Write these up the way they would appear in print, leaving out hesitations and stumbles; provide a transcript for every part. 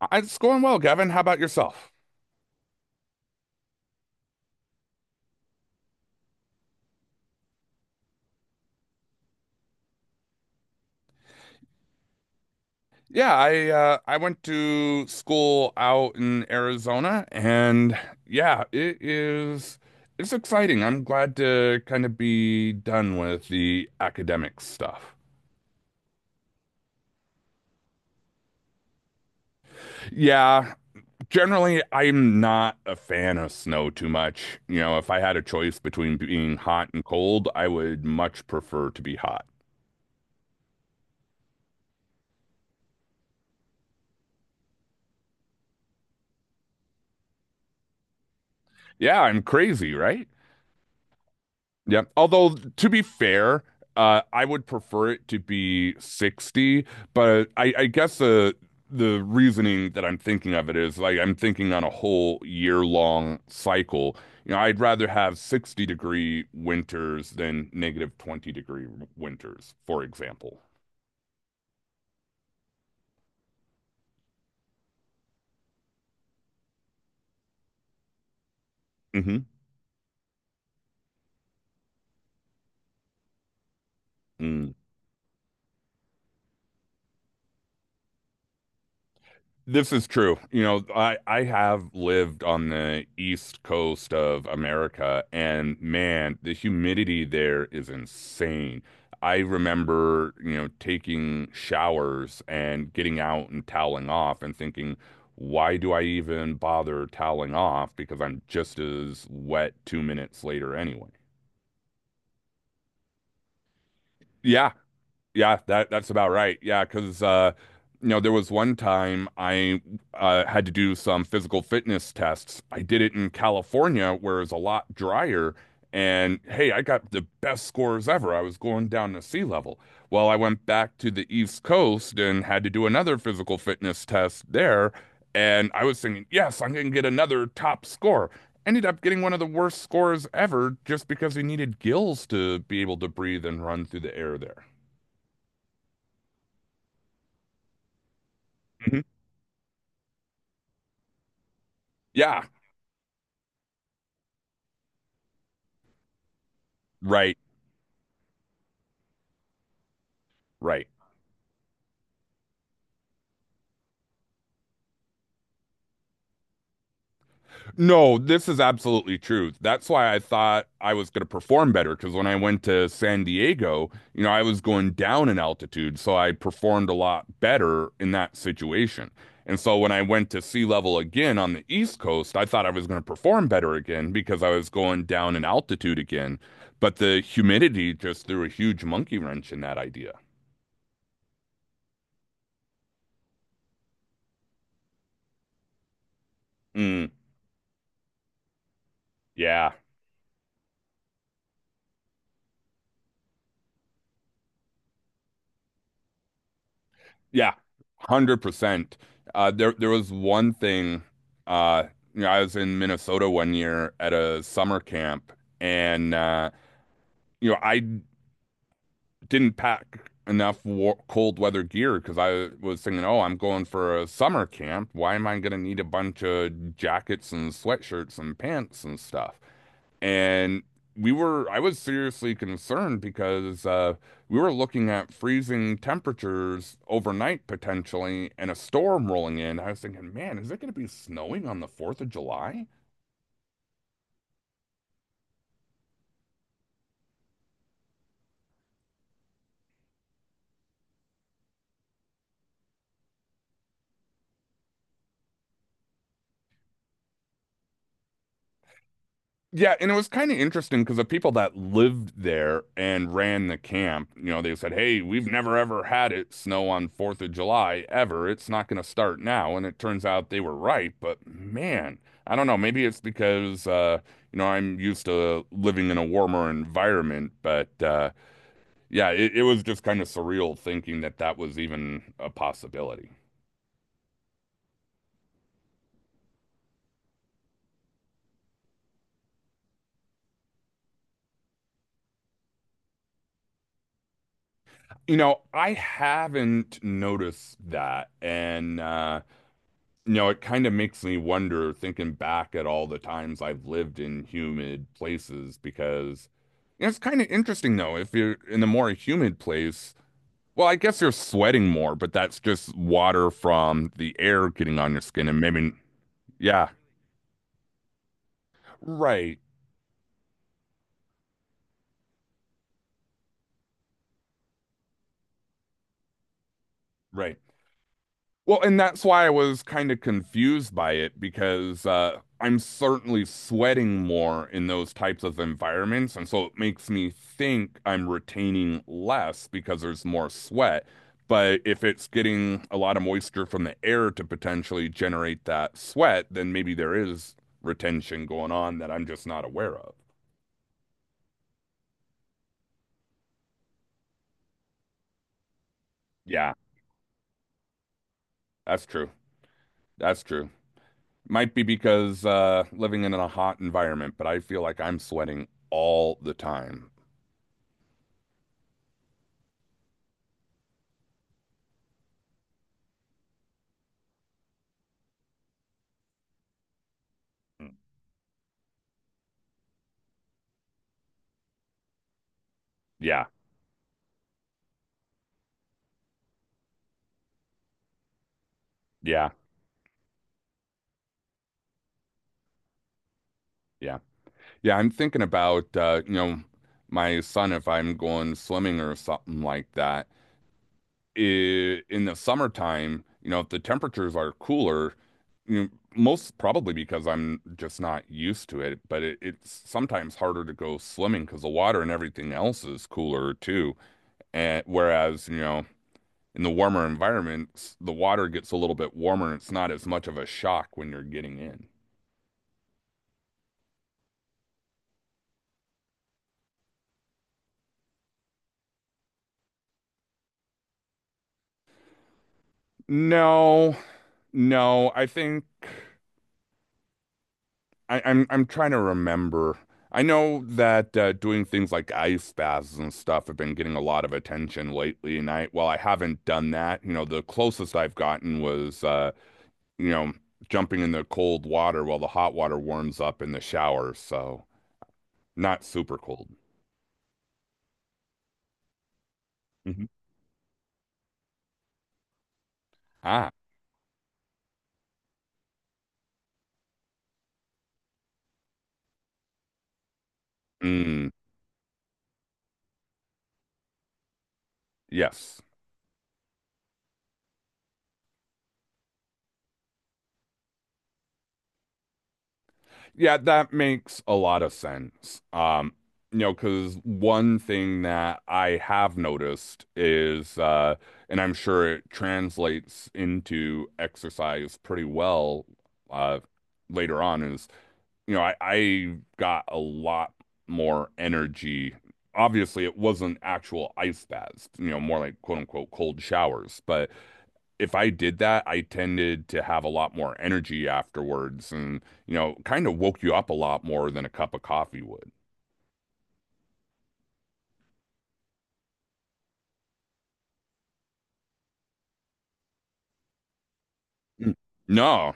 It's going well, Gavin. How about yourself? Yeah, I went to school out in Arizona, and yeah, it's exciting. I'm glad to kind of be done with the academic stuff. Yeah, generally, I'm not a fan of snow too much. You know, if I had a choice between being hot and cold, I would much prefer to be hot. Yeah, I'm crazy, right? Yeah. Although, to be fair, I would prefer it to be 60, but I guess the reasoning that I'm thinking of it is like I'm thinking on a whole year long cycle. You know, I'd rather have 60-degree winters than negative 20-degree winters, for example. Hmm. This is true. You know, I have lived on the east coast of America, and man, the humidity there is insane. I remember, you know, taking showers and getting out and toweling off and thinking, why do I even bother toweling off? Because I'm just as wet 2 minutes later anyway. Yeah. Yeah, that's about right. Yeah, because you know, there was one time I had to do some physical fitness tests. I did it in California, where it's a lot drier. And hey, I got the best scores ever. I was going down to sea level. Well, I went back to the East Coast and had to do another physical fitness test there. And I was thinking, yes, I'm going to get another top score. Ended up getting one of the worst scores ever just because he needed gills to be able to breathe and run through the air there. Yeah, right, right. No, this is absolutely true. That's why I thought I was going to perform better because when I went to San Diego, you know, I was going down in altitude, so I performed a lot better in that situation. And so when I went to sea level again on the East Coast, I thought I was going to perform better again because I was going down in altitude again. But the humidity just threw a huge monkey wrench in that idea. Mm, yeah. Yeah, 100%. There was one thing, uh, you know, I was in Minnesota one year at a summer camp and you know, I didn't pack enough war cold weather gear because I was thinking, "Oh, I'm going for a summer camp. Why am I going to need a bunch of jackets and sweatshirts and pants and stuff?" And I was seriously concerned because we were looking at freezing temperatures overnight potentially and a storm rolling in. I was thinking, man, is it going to be snowing on the 4th of July? Yeah, and it was kind of interesting because the people that lived there and ran the camp, you know, they said, "Hey, we've never ever had it snow on 4th of July ever. It's not going to start now." And it turns out they were right, but man, I don't know, maybe it's because you know, I'm used to living in a warmer environment, but yeah, it was just kind of surreal thinking that that was even a possibility. You know, I haven't noticed that, and you know, it kind of makes me wonder, thinking back at all the times I've lived in humid places, because you know, it's kind of interesting though. If you're in a more humid place, well, I guess you're sweating more, but that's just water from the air getting on your skin and maybe, yeah, right, right. Well, and that's why I was kind of confused by it because I'm certainly sweating more in those types of environments. And so it makes me think I'm retaining less because there's more sweat. But if it's getting a lot of moisture from the air to potentially generate that sweat, then maybe there is retention going on that I'm just not aware of. Yeah, that's true. That's true. Might be because living in a hot environment, but I feel like I'm sweating all the time. Yeah, yeah, yeah, yeah. I'm thinking about you know, my son if I'm going swimming or something like that. I In the summertime, you know, if the temperatures are cooler, you know, most probably because I'm just not used to it, but it's sometimes harder to go swimming because the water and everything else is cooler too. And whereas, you know, in the warmer environments, the water gets a little bit warmer and it's not as much of a shock when you're getting in. No. No, I think I'm trying to remember. I know that doing things like ice baths and stuff have been getting a lot of attention lately, and I haven't done that. You know, the closest I've gotten was you know, jumping in the cold water while the hot water warms up in the shower, so not super cold. Mhm. Ah, mm, yes. Yeah, that makes a lot of sense. You know, because one thing that I have noticed is, and I'm sure it translates into exercise pretty well, uh, later on, is you know, I got a lot more energy. Obviously, it wasn't actual ice baths, you know, more like quote unquote cold showers. But if I did that, I tended to have a lot more energy afterwards, and you know, kind of woke you up a lot more than a cup of coffee would. Mm. No,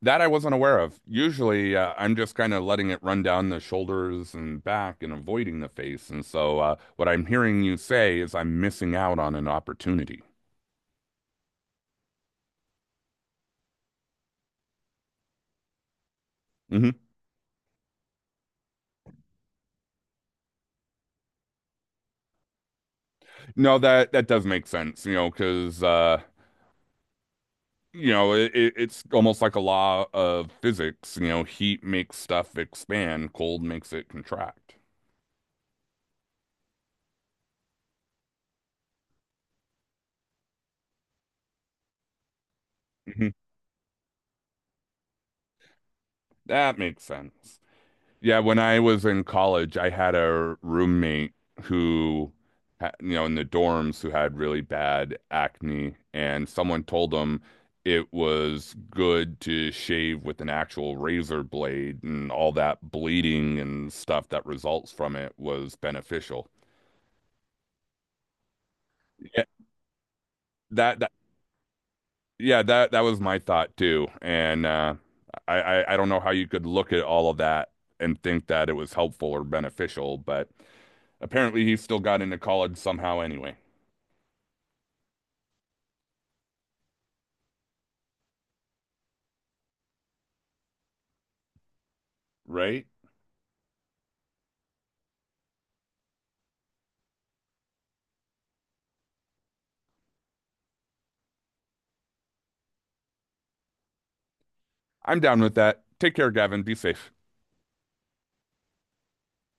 that I wasn't aware of. Usually, I'm just kind of letting it run down the shoulders and back and avoiding the face. And so, what I'm hearing you say is I'm missing out on an opportunity. Mhm. No, that that does make sense, you know, because you know, it's almost like a law of physics, you know, heat makes stuff expand, cold makes it contract. Mhm. That makes sense. Yeah, when I was in college, I had a roommate who, you know, in the dorms who had really bad acne, and someone told him it was good to shave with an actual razor blade, and all that bleeding and stuff that results from it was beneficial. Yeah, that yeah, that was my thought too. And I don't know how you could look at all of that and think that it was helpful or beneficial, but apparently he still got into college somehow anyway. Right? I'm down with that. Take care, Gavin. Be safe.